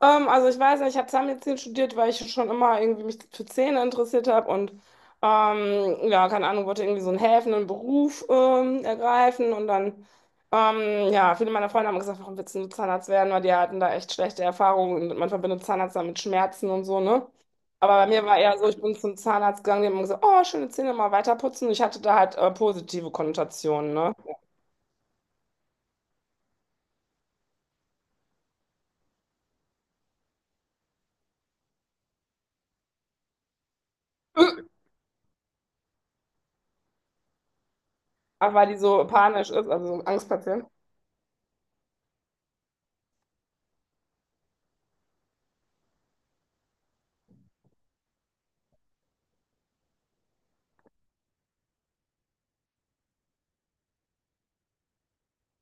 Also ich weiß nicht, ich habe Zahnmedizin studiert, weil ich schon immer irgendwie mich für Zähne interessiert habe und ja, keine Ahnung, wollte irgendwie so einen helfenden Beruf ergreifen und dann, ja, viele meiner Freunde haben gesagt, warum willst du Zahnarzt werden? Weil die hatten da echt schlechte Erfahrungen und man verbindet Zahnarzt dann mit Schmerzen und so, ne? Aber bei mir war eher so, ich bin zum Zahnarzt gegangen, die haben gesagt, oh, schöne Zähne, mal weiter putzen. Ich hatte da halt positive Konnotationen, ne? Aber weil die so panisch ist, also so ein Angstpatient.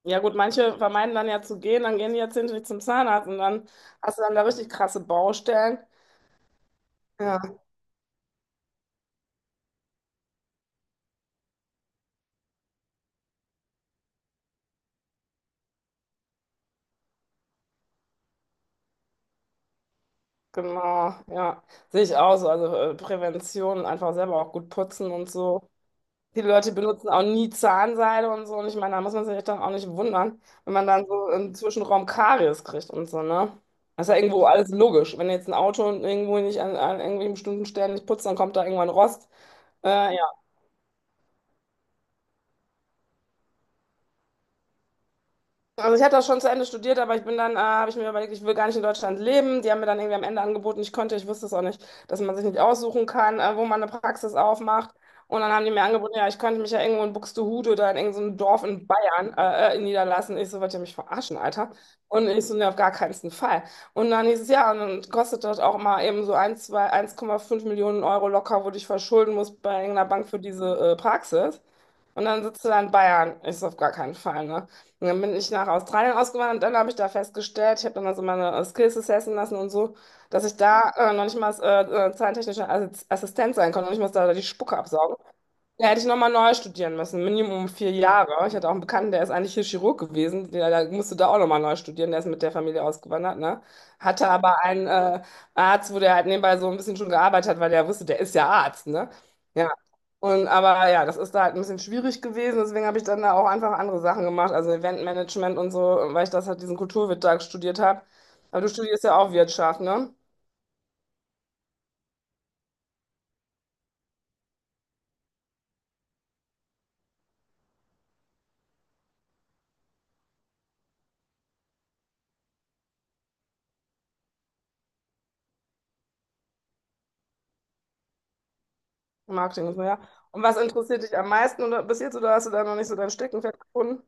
Ja gut, manche vermeiden dann ja zu gehen, dann gehen die jetzt nicht zum Zahnarzt und dann hast du dann da richtig krasse Baustellen. Ja, genau, ja. Sehe ich auch so. Also Prävention, einfach selber auch gut putzen und so. Viele Leute benutzen auch nie Zahnseide und so. Und ich meine, da muss man sich doch auch nicht wundern, wenn man dann so im Zwischenraum Karies kriegt und so, ne? Das ist ja irgendwo alles logisch. Wenn jetzt ein Auto irgendwo nicht an irgendwelchen bestimmten Stellen nicht putzt, dann kommt da irgendwann Rost. Äh, Also ich habe das schon zu Ende studiert, aber habe ich mir überlegt, ich will gar nicht in Deutschland leben. Die haben mir dann irgendwie am Ende angeboten, ich konnte, ich wusste es auch nicht, dass man sich nicht aussuchen kann, wo man eine Praxis aufmacht. Und dann haben die mir angeboten, ja, ich könnte mich ja irgendwo in Buxtehude oder in irgendeinem Dorf in Bayern niederlassen. Ich so, wollt ihr mich verarschen, Alter? Und ich so, ne, auf gar keinen Fall. Und dann hieß es, ja, und dann kostet das auch mal eben so 1, 2, 1,5 Millionen Euro locker, wo du dich verschulden musst bei irgendeiner Bank für diese Praxis. Und dann sitzt du da in Bayern. Ich so, auf gar keinen Fall, ne? Und dann bin ich nach Australien ausgewandert und dann habe ich da festgestellt, ich habe dann also meine Skills testen lassen und so, dass ich da noch nicht mal als, zahlentechnische Assistent sein konnte, noch nicht mal da die Spucke absaugen. Da hätte ich nochmal neu studieren müssen, Minimum 4 Jahre. Ich hatte auch einen Bekannten, der ist eigentlich hier Chirurg gewesen, der musste da auch nochmal neu studieren, der ist mit der Familie ausgewandert, ne? Hatte aber einen Arzt, wo der halt nebenbei so ein bisschen schon gearbeitet hat, weil der wusste, der ist ja Arzt, ne? Ja. Und aber ja, das ist da halt ein bisschen schwierig gewesen, deswegen habe ich dann da auch einfach andere Sachen gemacht, also Eventmanagement und so, weil ich das halt diesen Kulturwirt da studiert habe. Aber du studierst ja auch Wirtschaft, ne? Marketing und so, ja. Und was interessiert dich am meisten oder bis jetzt, oder hast du da noch nicht so dein Steckenpferd gefunden?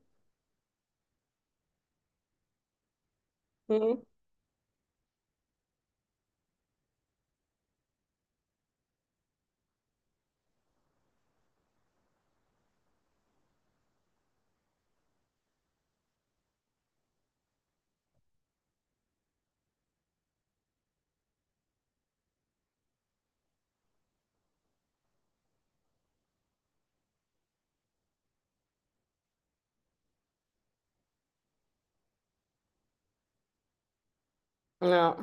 Mhm. Ja.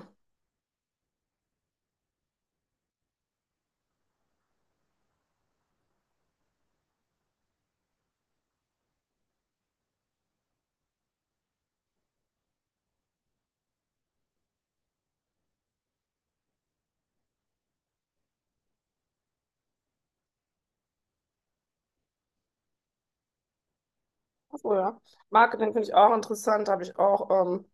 Ach so, ja. Marketing finde ich auch interessant. Habe ich auch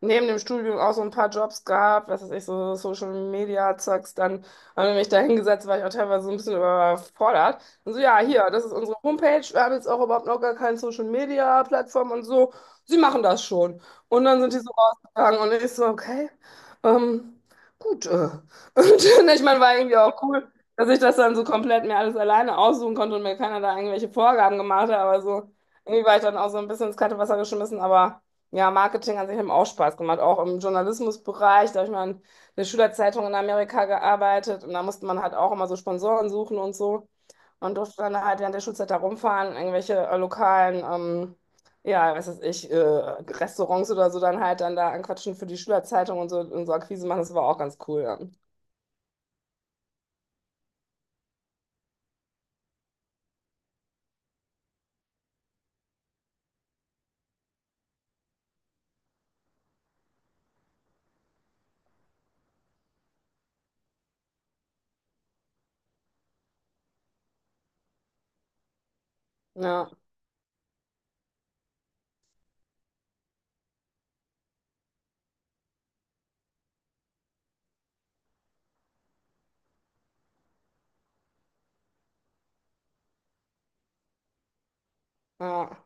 neben dem Studium auch so ein paar Jobs gehabt, was weiß ich, so Social Media Zeugs. Dann habe ich mich da hingesetzt, war ich auch teilweise so ein bisschen überfordert. Und so, ja, hier, das ist unsere Homepage. Wir haben jetzt auch überhaupt noch gar keine Social Media Plattform und so. Sie machen das schon. Und dann sind die so rausgegangen und ich so, okay, ähm, gut. Und ich meine, war irgendwie auch cool. Dass ich das dann so komplett mir alles alleine aussuchen konnte und mir keiner da irgendwelche Vorgaben gemacht hat, aber so irgendwie war ich dann auch so ein bisschen ins kalte Wasser geschmissen, aber ja, Marketing an sich hat mir auch Spaß gemacht, auch im Journalismusbereich. Da habe ich mal in der Schülerzeitung in Amerika gearbeitet und da musste man halt auch immer so Sponsoren suchen und so und durfte dann halt während der Schulzeit da rumfahren, irgendwelche lokalen, ja, was weiß ich, Restaurants oder so dann halt dann da anquatschen für die Schülerzeitung und so Akquise machen. Das war auch ganz cool. Ja, ja. Ja.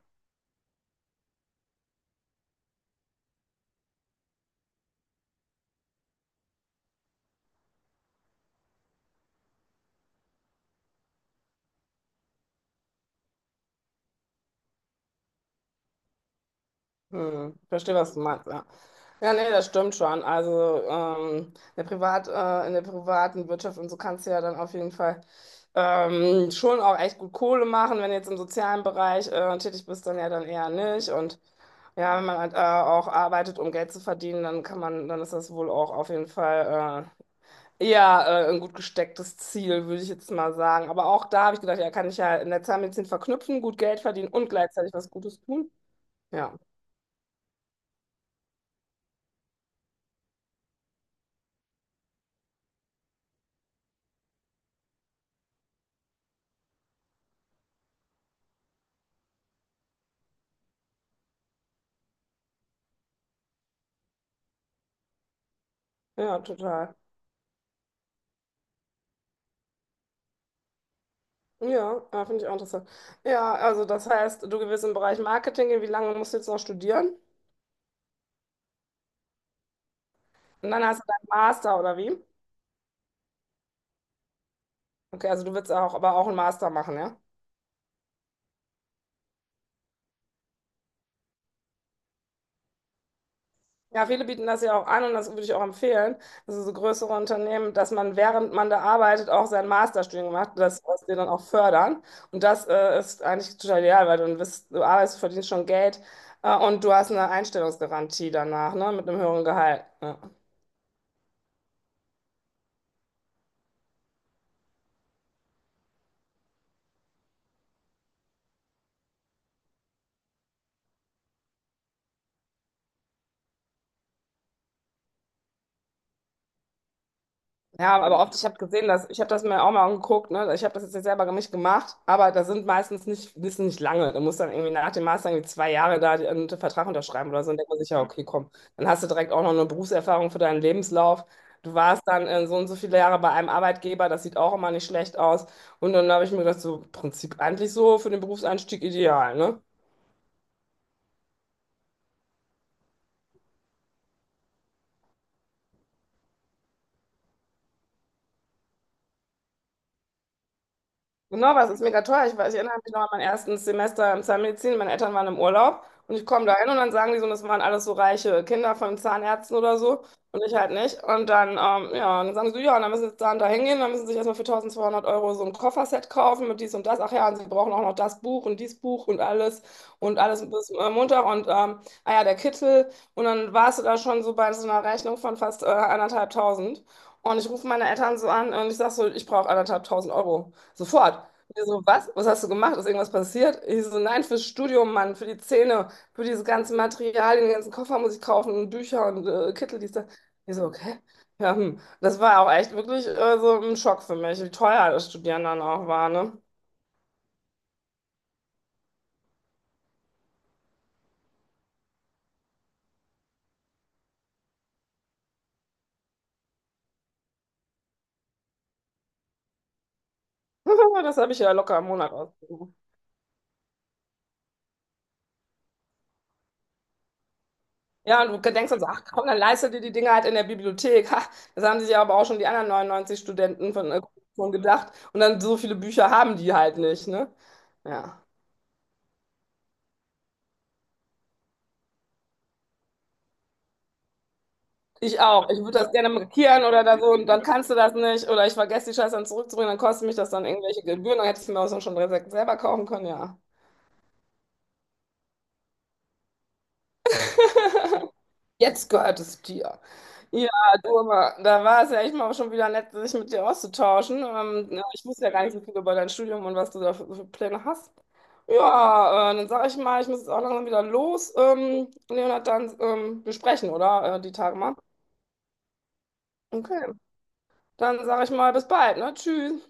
Hm, verstehe, was du meinst, ja. Ja, nee, das stimmt schon. Also in der privaten Wirtschaft und so kannst du ja dann auf jeden Fall schon auch echt gut Kohle machen. Wenn du jetzt im sozialen Bereich tätig bist, dann ja dann eher nicht. Und ja, wenn man halt, auch arbeitet, um Geld zu verdienen, dann kann man, dann ist das wohl auch auf jeden Fall eher ein gut gestecktes Ziel, würde ich jetzt mal sagen. Aber auch da habe ich gedacht, ja, kann ich ja in der Zahnmedizin verknüpfen, gut Geld verdienen und gleichzeitig was Gutes tun. Ja, ja, total. Ja, ah, finde ich auch interessant. Ja, also das heißt, du gewinnst im Bereich Marketing gehen. Wie lange musst du jetzt noch studieren? Und dann hast du deinen Master, oder wie? Okay, also du willst auch, aber auch einen Master machen, ja? Ja, viele bieten das ja auch an und das würde ich auch empfehlen. Also so größere Unternehmen, dass man, während man da arbeitet, auch sein Masterstudium macht, das was dir dann auch fördern. Und das ist eigentlich total ideal, weil du, dann bist, du arbeitest, verdienst schon Geld und du hast eine Einstellungsgarantie danach, ne, mit einem höheren Gehalt. Ja. Ja, aber oft, ich habe gesehen, dass ich habe das mir auch mal angeguckt, ne? Ich habe das jetzt nicht selber nicht gemacht, aber da sind meistens nicht, die sind nicht lange. Du musst dann irgendwie nach dem Master irgendwie 2 Jahre da einen Vertrag unterschreiben oder so. Und denkt man sich, ja, okay, komm, dann hast du direkt auch noch eine Berufserfahrung für deinen Lebenslauf. Du warst dann so und so viele Jahre bei einem Arbeitgeber, das sieht auch immer nicht schlecht aus. Und dann habe ich mir gedacht, so im Prinzip eigentlich so für den Berufseinstieg ideal, ne? Genau, was ist mega teuer. Ich weiß, ich erinnere mich noch an mein erstes Semester im Zahnmedizin. Meine Eltern waren im Urlaub und ich komme da hin und dann sagen die so, und das waren alles so reiche Kinder von Zahnärzten oder so und ich halt nicht. Und dann, ja, und dann sagen sie so, ja, und dann müssen sie jetzt da und da hingehen, dann müssen sie sich erstmal für 1200 Euro so ein Kofferset kaufen mit dies und das. Ach ja, und sie brauchen auch noch das Buch und dies Buch und alles bis Montag und, ah ja, der Kittel. Und dann warst du da schon so bei so einer Rechnung von fast 1500. Und ich rufe meine Eltern so an und ich sage so, ich brauche 1500 Euro. Sofort. Die so, was? Was hast du gemacht? Ist irgendwas passiert? Ich so, nein, fürs Studium, Mann, für die Zähne, für diese ganzen Materialien, den ganzen Koffer muss ich kaufen und Bücher und Kittel, dies, das. Ich so, okay. Ja, hm. Das war auch echt wirklich so ein Schock für mich, wie teuer das Studieren dann auch war, ne? Das habe ich ja locker im Monat ausgegeben. Ja, und du denkst dann so, ach komm, dann leistet dir die Dinge halt in der Bibliothek. Ha, das haben sich ja aber auch schon die anderen 99 Studenten von, schon gedacht. Und dann so viele Bücher haben die halt nicht, ne? Ja. Ich auch. Ich würde das gerne markieren oder da so und dann kannst du das nicht oder ich vergesse die Scheiße dann zurückzubringen, dann kostet mich das dann irgendwelche Gebühren, dann hättest du mir auch schon direkt selber kaufen können, ja. Jetzt gehört es dir. Ja, du, aber da war es ja echt mal schon wieder nett, sich mit dir auszutauschen. Ja, ich wusste ja gar nicht so viel über dein Studium und was du da für Pläne hast. Ja, dann sage ich mal, ich muss jetzt auch langsam wieder los. Leonard, dann wir sprechen, oder? Die Tage mal. Okay, dann sage ich mal, bis bald, ne? Tschüss.